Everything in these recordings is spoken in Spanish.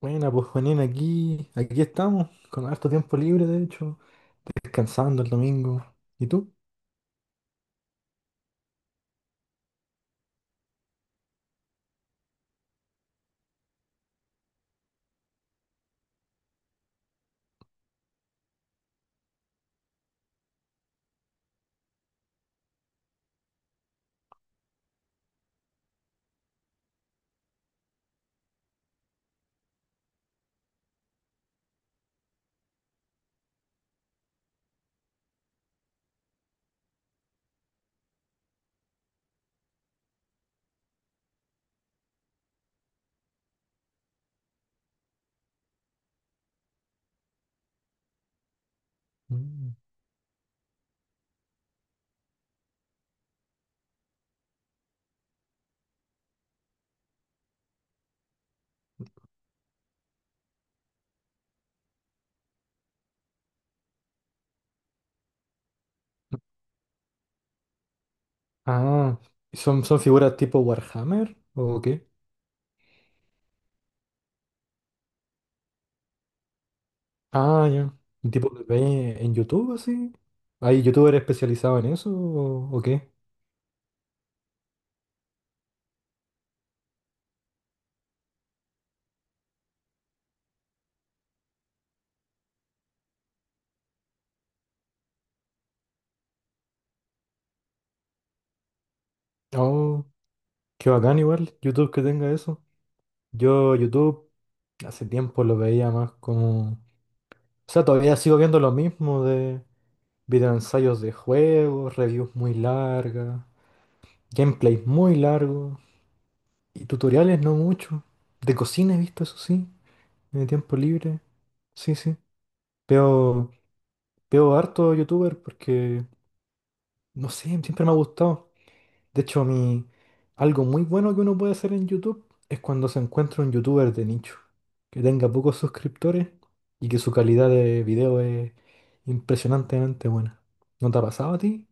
Buena pues Juanín, aquí estamos, con harto tiempo libre, de hecho, descansando el domingo. ¿Y tú? Mm. Ah, ¿son figuras tipo Warhammer o qué? Ah, ya. ¿Tipo que veis en YouTube así? ¿Hay youtuber especializado en eso o qué? Oh, qué bacán igual, YouTube que tenga eso. Yo YouTube hace tiempo lo veía más como... O sea, todavía sigo viendo lo mismo de videoensayos de juegos, reviews muy largas. Gameplay muy largo. Y tutoriales no mucho. De cocina he visto, eso sí. En el tiempo libre. Sí, sí. Veo, veo harto youtuber porque, no sé, siempre me ha gustado. De hecho, algo muy bueno que uno puede hacer en YouTube es cuando se encuentra un youtuber de nicho, que tenga pocos suscriptores y que su calidad de video es impresionantemente buena. ¿No te ha pasado a ti?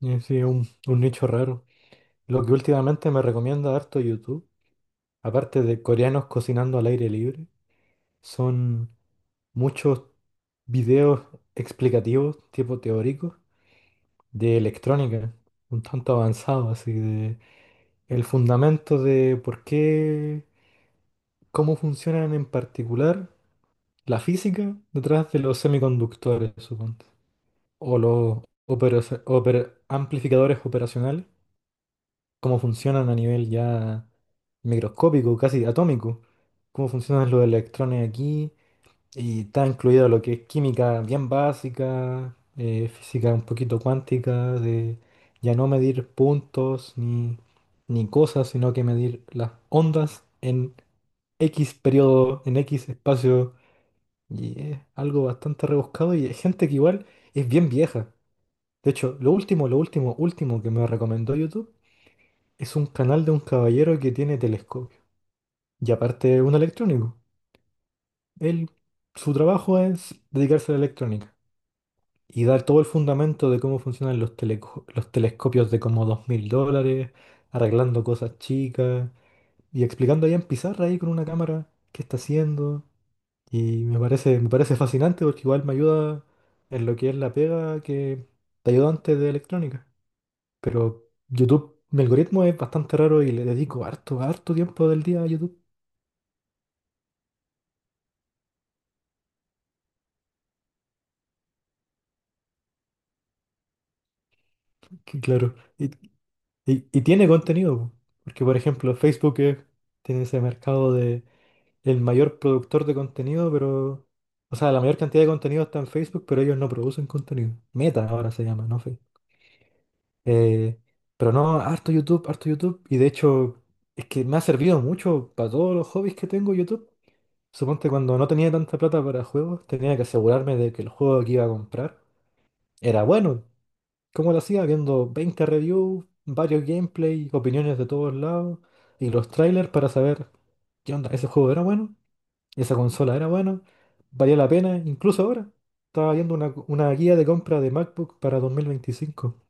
Sí, un nicho raro. Lo que últimamente me recomienda harto YouTube, aparte de coreanos cocinando al aire libre, son muchos videos explicativos, tipo teóricos, de electrónica, un tanto avanzado, así de el fundamento de por qué, cómo funcionan en particular la física detrás de los semiconductores, suponte, o los amplificadores operacionales, cómo funcionan a nivel ya microscópico, casi atómico, cómo funcionan los electrones aquí. Y está incluido lo que es química bien básica, física un poquito cuántica, de ya no medir puntos ni cosas, sino que medir las ondas en X periodo, en X espacio. Y es algo bastante rebuscado y es gente que igual es bien vieja. De hecho, último que me recomendó YouTube es un canal de un caballero que tiene telescopio. Y aparte un electrónico. Él, su trabajo es dedicarse a la electrónica, y dar todo el fundamento de cómo funcionan los los telescopios de como $2000, arreglando cosas chicas y explicando ahí en pizarra ahí con una cámara qué está haciendo. Y me parece fascinante porque igual me ayuda en lo que es la pega, que te ayuda antes de electrónica. Pero YouTube, mi algoritmo es bastante raro y le dedico harto tiempo del día a YouTube. Que claro, y tiene contenido, po. Porque por ejemplo tiene ese mercado, el mayor productor de contenido, pero... O sea, la mayor cantidad de contenido está en Facebook, pero ellos no producen contenido. Meta ahora se llama, no Facebook. Eh, pero no, harto YouTube, harto YouTube. Y de hecho, es que me ha servido mucho para todos los hobbies que tengo YouTube. Suponte cuando no tenía tanta plata para juegos, tenía que asegurarme de que el juego que iba a comprar era bueno. ¿Cómo lo hacía? Viendo 20 reviews, varios gameplays, opiniones de todos lados y los trailers para saber qué onda, ese juego era bueno. Y esa consola era buena, valía la pena, incluso ahora. Estaba viendo una guía de compra de MacBook para 2025.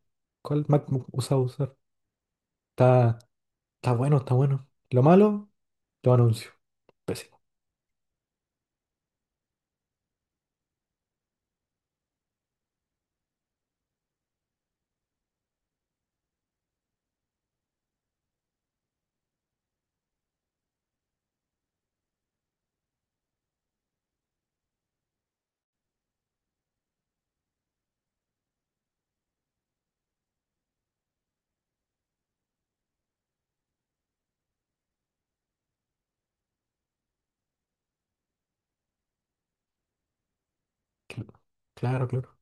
¿Cuál MacBook usaba usar? Está, está bueno, está bueno. Lo malo, lo anuncio. Pésimo. Cl- Claro, claro.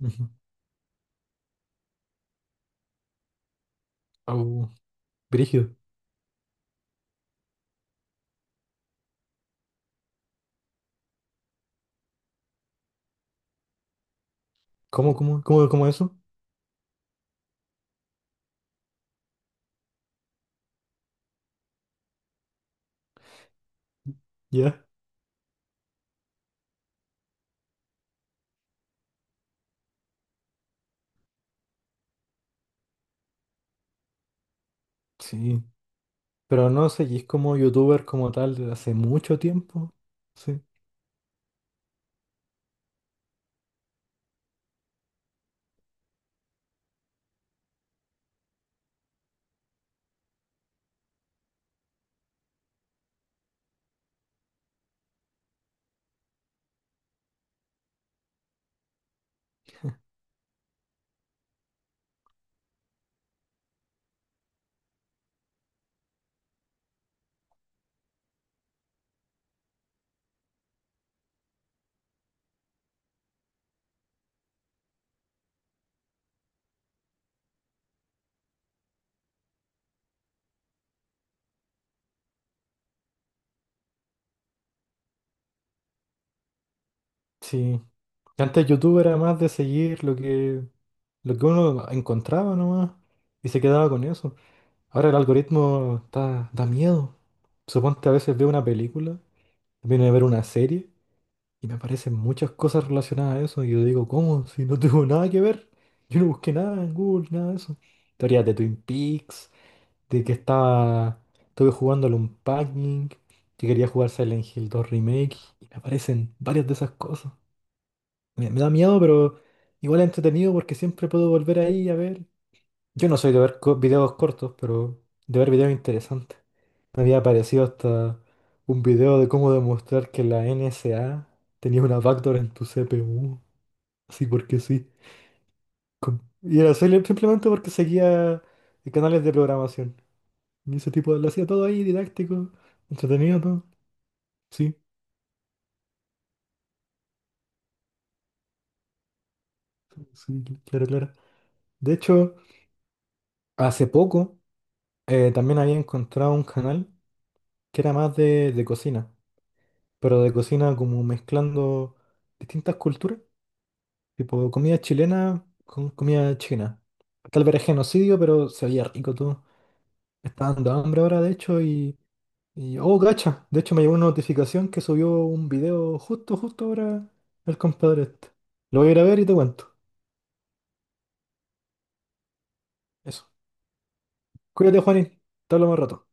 Ujú. Au, brígido. ¿Cómo eso? Ya. Sí. Pero no seguís como youtuber como tal desde hace mucho tiempo. Sí. Sí. Antes youtuber era más de seguir lo que uno encontraba nomás y se quedaba con eso. Ahora el algoritmo da miedo. Suponte a veces veo una película, viene a ver una serie y me aparecen muchas cosas relacionadas a eso y yo digo, ¿cómo? Si no tengo nada que ver. Yo no busqué nada en Google, nada de eso. Teorías de Twin Peaks, de que estaba, estuve jugando al Unpacking, que quería jugar Silent Hill 2 Remake, y me aparecen varias de esas cosas. Me da miedo, pero igual es entretenido porque siempre puedo volver ahí a ver. Yo no soy de ver videos cortos, pero de ver videos interesantes. Me había aparecido hasta un video de cómo demostrar que la NSA tenía una backdoor en tu CPU. Así porque sí. Simplemente porque seguía canales de programación. Y ese tipo lo hacía todo ahí, didáctico, entretenido, todo. Sí, sí, sí, claro, claro. De hecho, hace poco también había encontrado un canal que era más de cocina, pero de cocina como mezclando distintas culturas. Tipo, comida chilena con comida china. Tal vez era genocidio, pero se veía rico todo. Me está dando hambre ahora, de hecho, Oh, gacha. De hecho, me llegó una notificación que subió un video justo ahora el compadre este. Lo voy a ir a ver y te cuento. Eso. Cuídate, Juanín. Te hablo más rato.